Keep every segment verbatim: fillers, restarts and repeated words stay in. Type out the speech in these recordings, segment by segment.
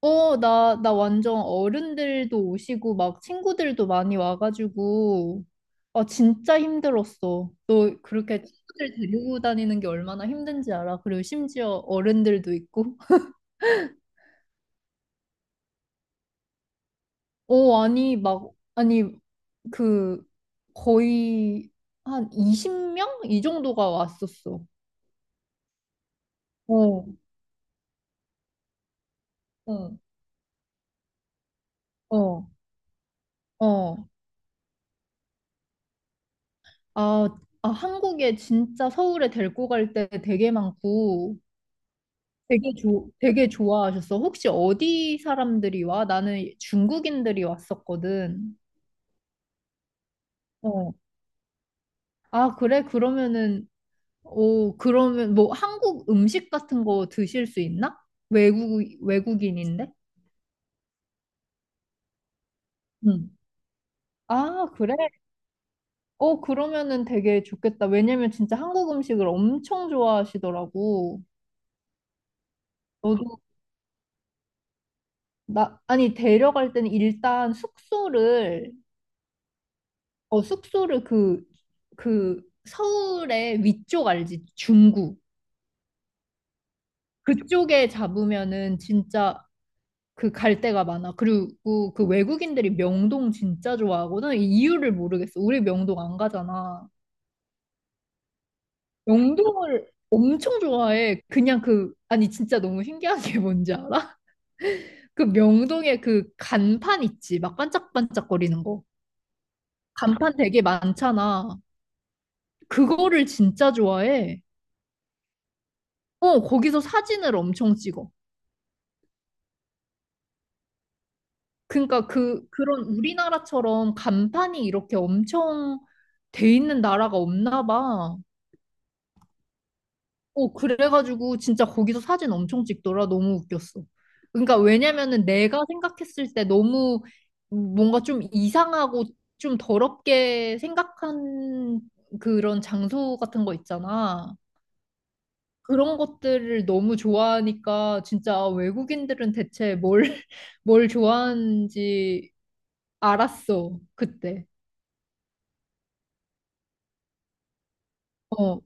어, 나, 나 완전 어른들도 오시고, 막 친구들도 많이 와가지고, 아, 진짜 힘들었어. 너 그렇게 친구들 데리고 다니는 게 얼마나 힘든지 알아? 그리고 심지어 어른들도 있고. 어, 아니, 막, 아니, 그, 거의 한 이십 명? 이 정도가 왔었어. 어, 어, 어, 어. 아, 아, 한국에 진짜 서울에 데리고 갈 때 되게 많고, 되게 좋 되게 좋아하셨어. 혹시 어디 사람들이 와? 나는 중국인들이 왔었거든. 어. 아, 그래? 그러면은, 오, 그러면 뭐 한국 음식 같은 거 드실 수 있나? 외국, 외국인인데? 응. 아, 그래? 어, 그러면은 되게 좋겠다. 왜냐면 진짜 한국 음식을 엄청 좋아하시더라고. 너도, 나, 아니, 데려갈 때는 일단 숙소를, 어, 숙소를 그, 그 서울의 위쪽 알지? 중구. 그쪽에 잡으면은 진짜 그 갈 데가 많아. 그리고 그 외국인들이 명동 진짜 좋아하거든. 이 이유를 모르겠어. 우리 명동 안 가잖아. 명동을 엄청 좋아해. 그냥 그, 아니 진짜 너무 신기한 게 뭔지 알아? 그 명동에 그 간판 있지. 막 반짝반짝거리는 거. 간판 되게 많잖아. 그거를 진짜 좋아해. 어, 거기서 사진을 엄청 찍어. 그러니까 그 그런 우리나라처럼 간판이 이렇게 엄청 돼 있는 나라가 없나 봐. 어, 그래가지고 진짜 거기서 사진 엄청 찍더라. 너무 웃겼어. 그러니까 왜냐면은 내가 생각했을 때 너무 뭔가 좀 이상하고 좀 더럽게 생각한 그런 장소 같은 거 있잖아. 그런 것들을 너무 좋아하니까 진짜 외국인들은 대체 뭘, 뭘 좋아하는지 알았어, 그때. 어,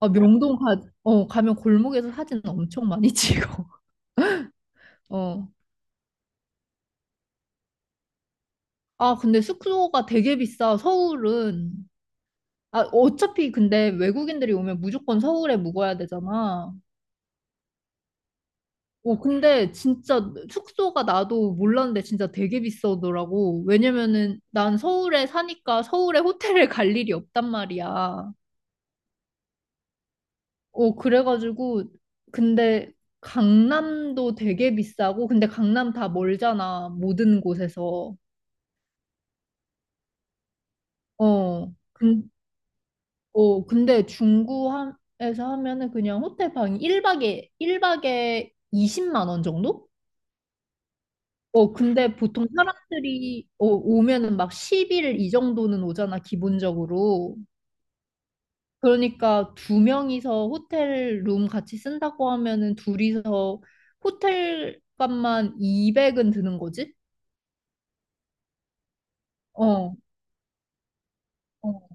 아, 명동 가, 어, 가면 골목에서 사진 엄청 많이 찍어. 어. 아, 근데 숙소가 되게 비싸, 서울은. 아, 어차피 근데 외국인들이 오면 무조건 서울에 묵어야 되잖아. 어, 근데 진짜 숙소가 나도 몰랐는데 진짜 되게 비싸더라고. 왜냐면은 난 서울에 사니까 서울에 호텔을 갈 일이 없단 말이야. 어, 그래가지고, 근데 강남도 되게 비싸고, 근데 강남 다 멀잖아, 모든 곳에서. 어, 근, 어, 근데 중구에서 하면은 그냥 호텔 방이 1박에, 일박에 이십만 원 정도? 어, 근데 보통 사람들이 어, 오면은 막 십 일 이 정도는 오잖아, 기본적으로. 그러니까 두 명이서 호텔 룸 같이 쓴다고 하면은 둘이서 호텔 값만 이백은 드는 거지? 어, 어,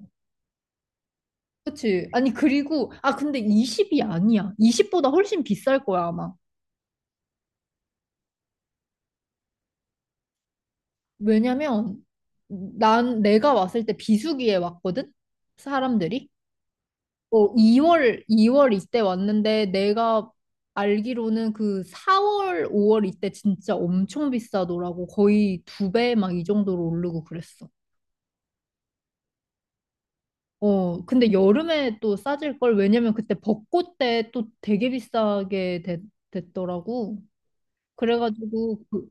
그치. 아니, 그리고, 아, 근데 이십이 아니야. 이십보다 훨씬 비쌀 거야, 아마. 왜냐면 난 내가 왔을 때 비수기에 왔거든? 사람들이. 어, 2월, 이월 이때 왔는데 내가 알기로는 그 사월, 오월 이때 진짜 엄청 비싸더라고. 거의 두 배 막 이 정도로 오르고 그랬어. 어, 근데 여름에 또 싸질 걸 왜냐면 그때 벚꽃 때 또 되게 비싸게 되- 됐더라고. 그래가지고 그-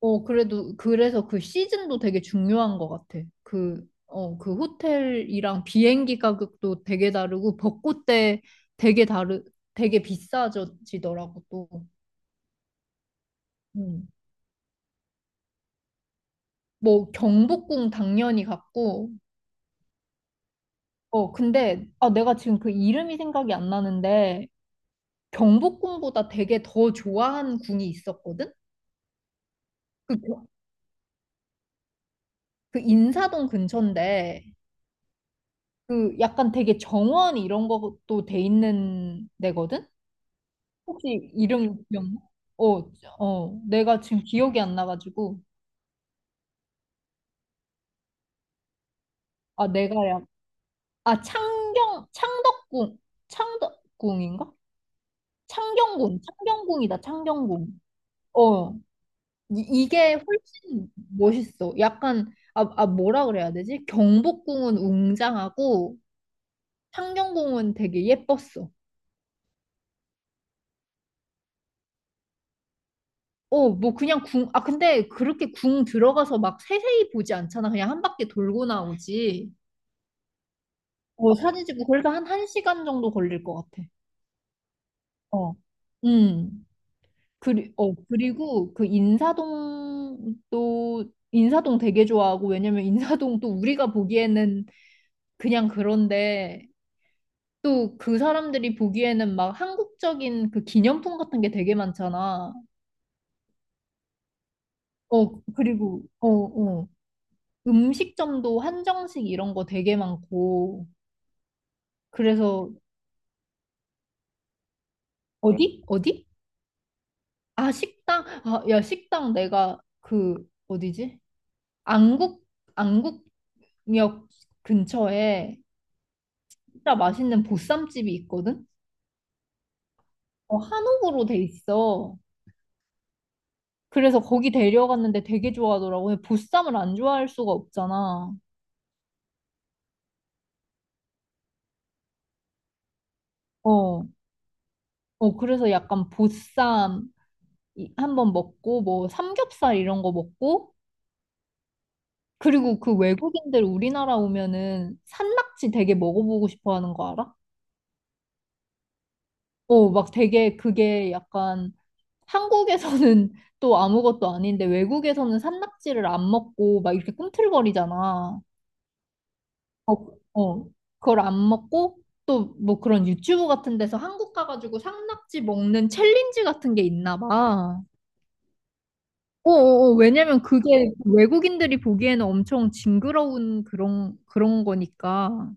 어, 그래도, 그래서 그 시즌도 되게 중요한 것 같아. 그, 어, 그 호텔이랑 비행기 가격도 되게 다르고, 벚꽃 때 되게 다르, 되게 비싸지더라고, 또. 음. 뭐, 경복궁 당연히 갔고, 어, 근데, 아, 내가 지금 그 이름이 생각이 안 나는데, 경복궁보다 되게 더 좋아하는 궁이 있었거든? 그, 그 인사동 근처인데, 그 약간 되게 정원 이런 것도 돼 있는 데거든? 혹시 이름 기억나? 어, 어, 내가 지금 기억이 안 나가지고. 아, 내가야. 아, 창경, 창덕궁, 창덕궁인가? 창경궁, 창경궁이다, 창경궁. 어, 이, 이게 훨씬 멋있어. 약간, 아, 아, 뭐라 그래야 되지? 경복궁은 웅장하고, 창경궁은 되게 예뻤어. 어, 뭐 그냥 궁, 아, 근데 그렇게 궁 들어가서 막 세세히 보지 않잖아. 그냥 한 바퀴 돌고 나오지. 어, 사진 찍고 그래도 한 1시간 정도 걸릴 것 같아. 어. 음. 그리, 어, 그리고 그 인사동도, 인사동 되게 좋아하고, 왜냐면 인사동 또 우리가 보기에는 그냥 그런데, 또 그 사람들이 보기에는 막 한국적인 그 기념품 같은 게 되게 많잖아. 어, 그리고, 어, 어. 음식점도 한정식 이런 거 되게 많고, 그래서, 어디? 어디? 아, 식당? 아, 야, 식당 내가 그, 어디지? 안국 안국역 근처에 진짜 맛있는 보쌈집이 있거든. 어, 한옥으로 돼 있어. 그래서 거기 데려갔는데 되게 좋아하더라고. 근데 보쌈을 안 좋아할 수가 없잖아. 어, 어 그래서 약간 보쌈 이- 한번 먹고 뭐 삼겹살 이런 거 먹고 그리고 그 외국인들 우리나라 오면은 산낙지 되게 먹어보고 싶어 하는 거 알아? 어, 막 되게 그게 약간 한국에서는 또 아무것도 아닌데 외국에서는 산낙지를 안 먹고 막 이렇게 꿈틀거리잖아. 어, 어. 그걸 안 먹고 또 뭐 그런 유튜브 같은 데서 한국 가가지고 산낙지 먹는 챌린지 같은 게 있나 봐. 어어어, 왜냐면 그게 외국인들이 보기에는 엄청 징그러운 그런, 그런 거니까.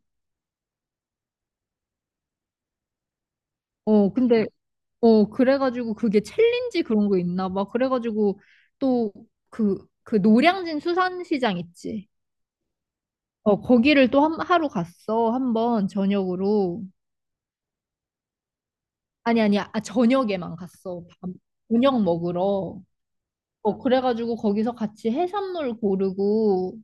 어, 근데, 어, 그래가지고 그게 챌린지 그런 거 있나 봐. 그래가지고 또 그, 그 노량진 수산시장 있지. 어, 거기를 또 한, 하루 갔어. 한 번 저녁으로. 아니, 아니, 아, 저녁에만 갔어. 밤, 저녁 먹으러. 어, 그래가지고 거기서 같이 해산물 고르고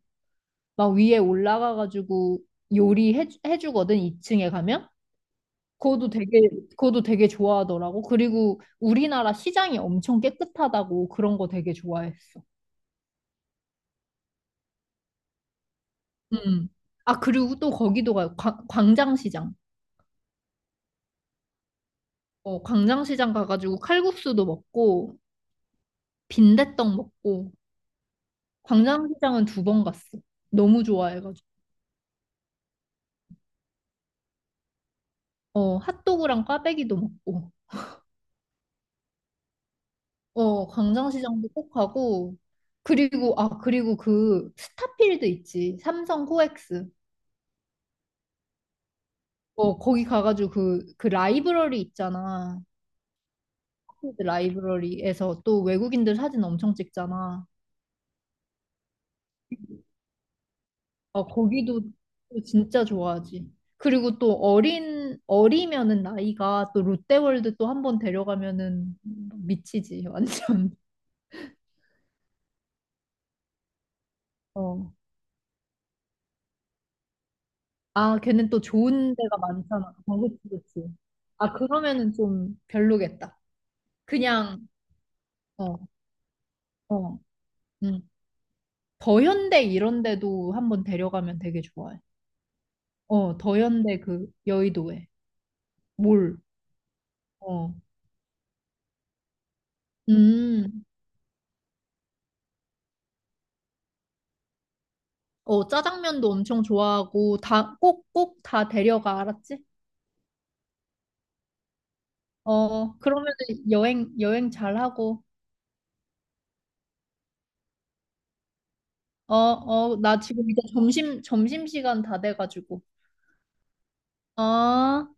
막 위에 올라가가지고 요리해, 해주거든, 이 층에 가면. 그것도 되게, 그것도 되게 좋아하더라고. 그리고 우리나라 시장이 엄청 깨끗하다고 그런 거 되게 좋아했어. 음. 아, 그리고 또 거기도 가요. 광- 광장시장. 어, 광장시장 가가지고 칼국수도 먹고 빈대떡 먹고 광장시장은 두 번 갔어. 너무 좋아해가지고. 어, 핫도그랑 꽈배기도 먹고. 어, 광장시장도 꼭 가고. 그리고, 아, 그리고 그 스타필드 있지. 삼성 코엑스. 어, 거기 가가지고 그, 그 라이브러리 있잖아. 스타필드 라이브러리에서 또 외국인들 사진 엄청 찍잖아. 어, 거기도 또 진짜 좋아하지. 그리고 또 어린, 어리면은 나이가 또 롯데월드 또 한 번 데려가면은 미치지, 완전. 어. 아, 걔는 또 좋은 데가 많잖아. 어, 그치, 그치. 아, 그러면은 좀 별로겠다. 그냥, 어, 어, 음. 더현대 이런 데도 한번 데려가면 되게 좋아해. 어, 더현대 그 여의도에. 몰. 어, 음. 어, 짜장면도 엄청 좋아하고, 다, 꼭, 꼭 다 데려가, 알았지? 어, 그러면은 여행, 여행 잘하고, 어, 어, 나 지금 이제 점심, 점심시간 다 돼가지고. 어.